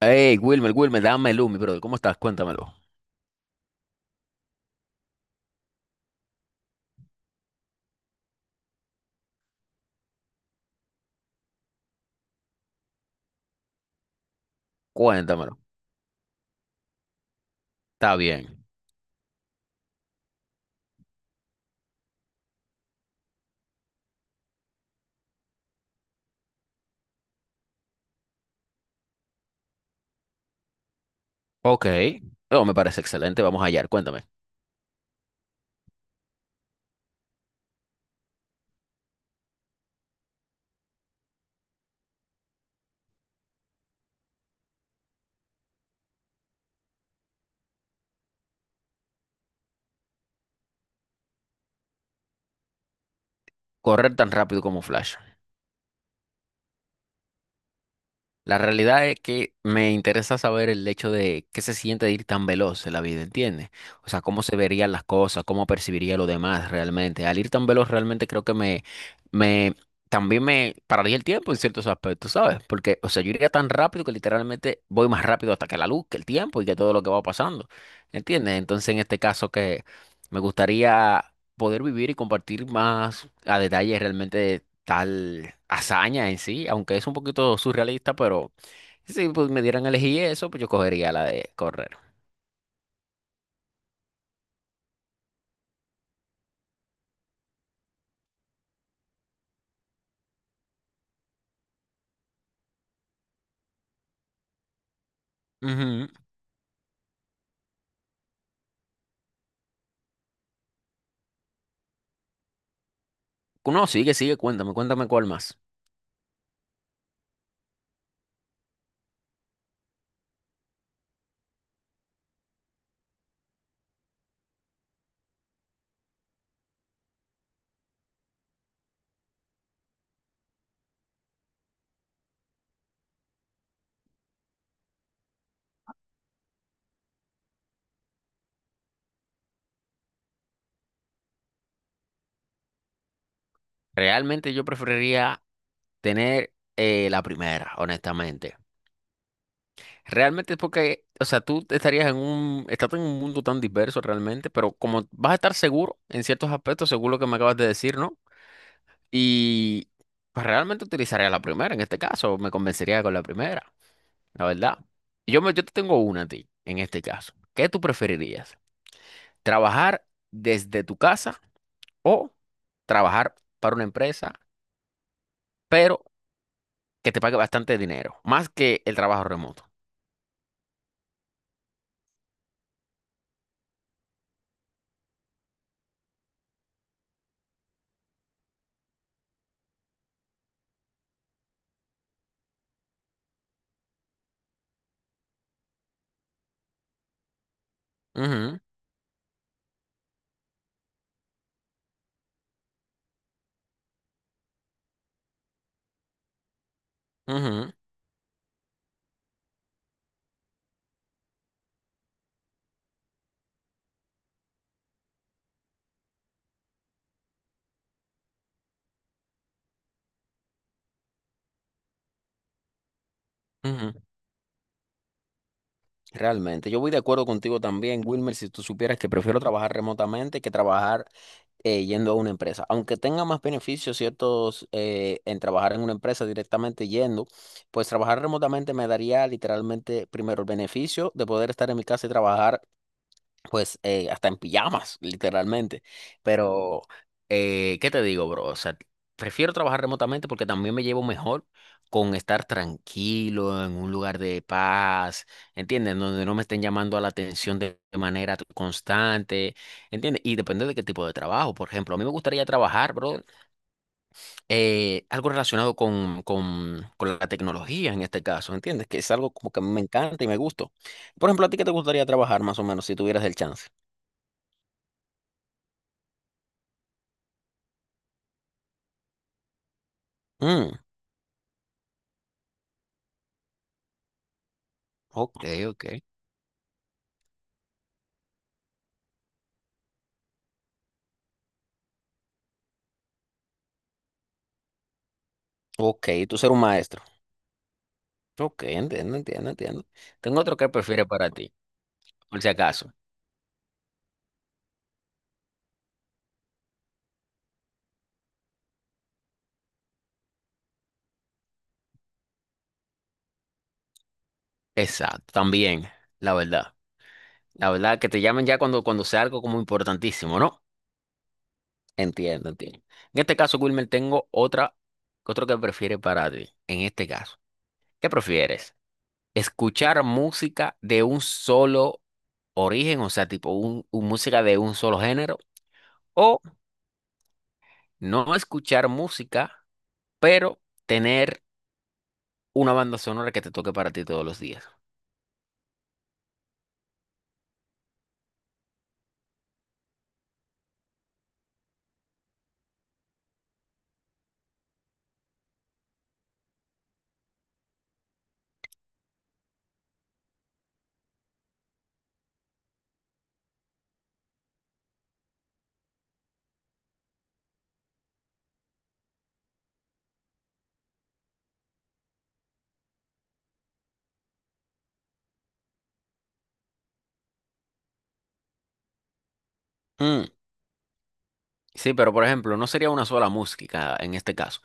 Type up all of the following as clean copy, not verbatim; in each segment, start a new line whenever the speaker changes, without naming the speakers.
Hey, Wilmer, Wilmer, dame luz, mi brother. ¿Cómo estás? Cuéntamelo. Cuéntamelo. Está bien. Ok. No, me parece excelente. Vamos allá. Cuéntame. Correr tan rápido como Flash. La realidad es que me interesa saber el hecho de qué se siente de ir tan veloz en la vida, ¿entiendes? O sea, cómo se verían las cosas, cómo percibiría lo demás realmente. Al ir tan veloz realmente creo que me, también me pararía el tiempo en ciertos aspectos, ¿sabes? Porque, o sea, yo iría tan rápido que literalmente voy más rápido hasta que la luz, que el tiempo y que todo lo que va pasando, ¿entiendes? Entonces, en este caso que me gustaría poder vivir y compartir más a detalle realmente tal hazaña en sí, aunque es un poquito surrealista, pero si pues, me dieran a elegir eso, pues yo cogería la de correr. Ujú. No, sigue, sigue, cuéntame, cuéntame cuál más. Realmente yo preferiría tener la primera, honestamente. Realmente es porque, o sea, tú te estarías en un, estás en un mundo tan diverso realmente, pero como vas a estar seguro en ciertos aspectos, según lo que me acabas de decir, ¿no? Y pues realmente utilizaría la primera en este caso, me convencería con la primera. La verdad. Yo te tengo una a ti, en este caso. ¿Qué tú preferirías? ¿Trabajar desde tu casa o trabajar para una empresa, pero que te pague bastante dinero? Más que el trabajo remoto. Ujú, ujú, ujú. Realmente, yo voy de acuerdo contigo también, Wilmer, si tú supieras que prefiero trabajar remotamente que trabajar yendo a una empresa. Aunque tenga más beneficios ciertos en trabajar en una empresa directamente yendo, pues trabajar remotamente me daría literalmente primero el beneficio de poder estar en mi casa y trabajar pues hasta en pijamas, literalmente. Pero, ¿qué te digo, bro? O sea, prefiero trabajar remotamente porque también me llevo mejor con estar tranquilo en un lugar de paz, ¿entiendes? Donde no me estén llamando a la atención de manera constante, ¿entiendes? Y depende de qué tipo de trabajo. Por ejemplo, a mí me gustaría trabajar, bro, algo relacionado con la tecnología en este caso, ¿entiendes? Que es algo como que a mí me encanta y me gusta. Por ejemplo, ¿a ti qué te gustaría trabajar más o menos si tuvieras el chance? Mm. Ok, ok. Ok, tú ser un maestro. Ok, entiendo, entiendo, entiendo. Tengo otro que prefiere para ti, por si acaso. Exacto, también, la verdad. La verdad, que te llamen ya cuando sea algo como importantísimo, ¿no? Entiendo, entiendo. En este caso, Wilmer, tengo otra, otro que prefiere para ti. En este caso, ¿qué prefieres? ¿Escuchar música de un solo origen, o sea, un música de un solo género? ¿O no escuchar música, pero tener una banda sonora que te toque para ti todos los días? Mm, sí, pero por ejemplo, no sería una sola música en este caso.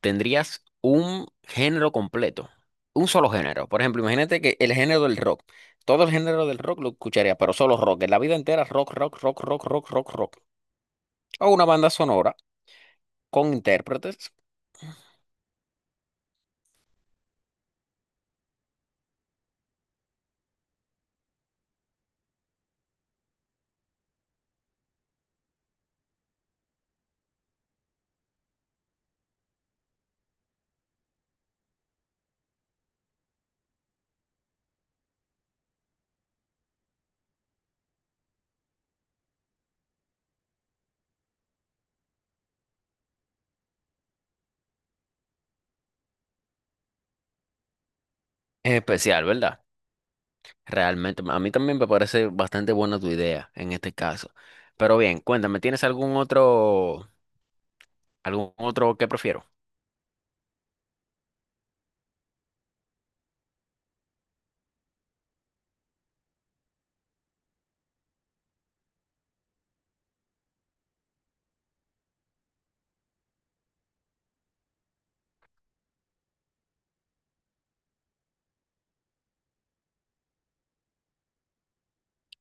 Tendrías un género completo, un solo género. Por ejemplo, imagínate que el género del rock, todo el género del rock lo escucharía, pero solo rock, en la vida entera rock, rock, rock, rock, rock, rock, rock. O una banda sonora con intérpretes. Es especial, ¿verdad? Realmente, a mí también me parece bastante buena tu idea en este caso. Pero bien, cuéntame, ¿tienes algún otro que prefieras?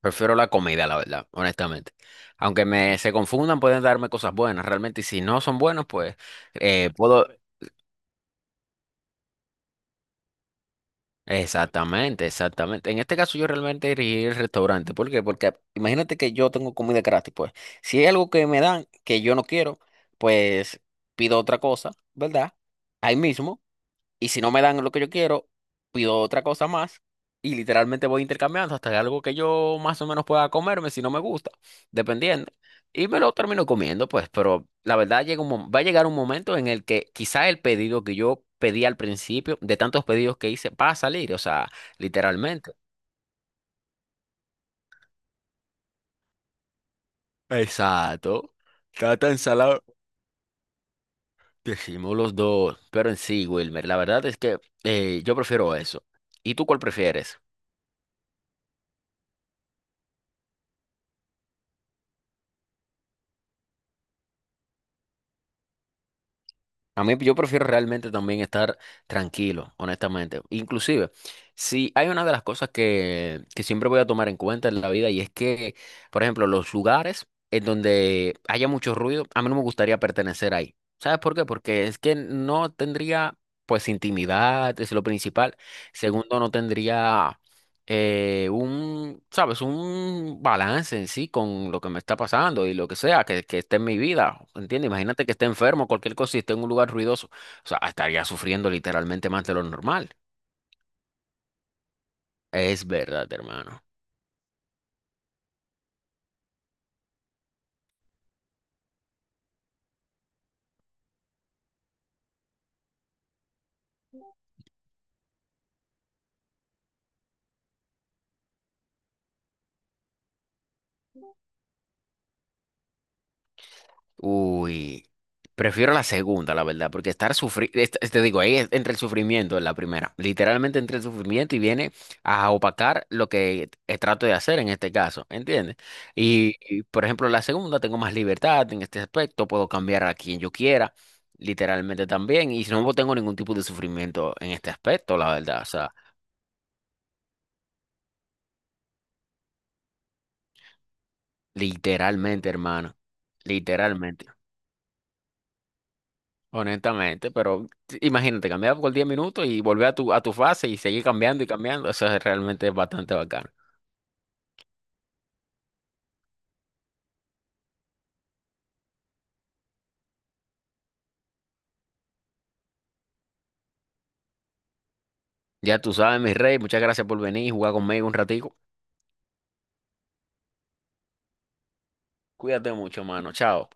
Prefiero la comida, la verdad, honestamente. Aunque me se confundan, pueden darme cosas buenas, realmente. Y si no son buenas, pues puedo. Exactamente, exactamente. En este caso, yo realmente iría al restaurante. ¿Por qué? Porque imagínate que yo tengo comida gratis, pues. Si hay algo que me dan que yo no quiero, pues pido otra cosa, ¿verdad? Ahí mismo. Y si no me dan lo que yo quiero, pido otra cosa más y literalmente voy intercambiando hasta que algo que yo más o menos pueda comerme si no me gusta, dependiendo. Y me lo termino comiendo, pues, pero la verdad llega un, va a llegar un momento en el que quizá el pedido que yo pedí al principio, de tantos pedidos que hice, va a salir, o sea, literalmente. Exacto. Está tan salado. Decimos los dos, pero en sí, Wilmer, la verdad es que yo prefiero eso. ¿Y tú cuál prefieres? A mí yo prefiero realmente también estar tranquilo, honestamente. Inclusive, si hay una de las cosas que siempre voy a tomar en cuenta en la vida y es que, por ejemplo, los lugares en donde haya mucho ruido, a mí no me gustaría pertenecer ahí. ¿Sabes por qué? Porque es que no tendría pues intimidad, es lo principal. Segundo, no tendría un, sabes, un balance en sí con lo que me está pasando y lo que sea, que esté en mi vida, ¿entiendes? Imagínate que esté enfermo, cualquier cosa y esté en un lugar ruidoso, o sea, estaría sufriendo literalmente más de lo normal. Es verdad, hermano. Uy, prefiero la segunda, la verdad, porque estar sufriendo, te digo, ahí entra el sufrimiento en la primera, literalmente entre el sufrimiento y viene a opacar lo que trato de hacer en este caso, ¿entiendes? Por ejemplo, la segunda tengo más libertad en este aspecto, puedo cambiar a quien yo quiera, literalmente también, y no tengo ningún tipo de sufrimiento en este aspecto, la verdad, o sea, literalmente, hermano, literalmente. Honestamente, pero imagínate, cambiar por 10 minutos y volver a a tu fase y seguir cambiando y cambiando. Eso es realmente bastante bacano. Ya tú sabes, mi rey, muchas gracias por venir y jugar conmigo un ratico. Cuídate mucho, mano. Chao.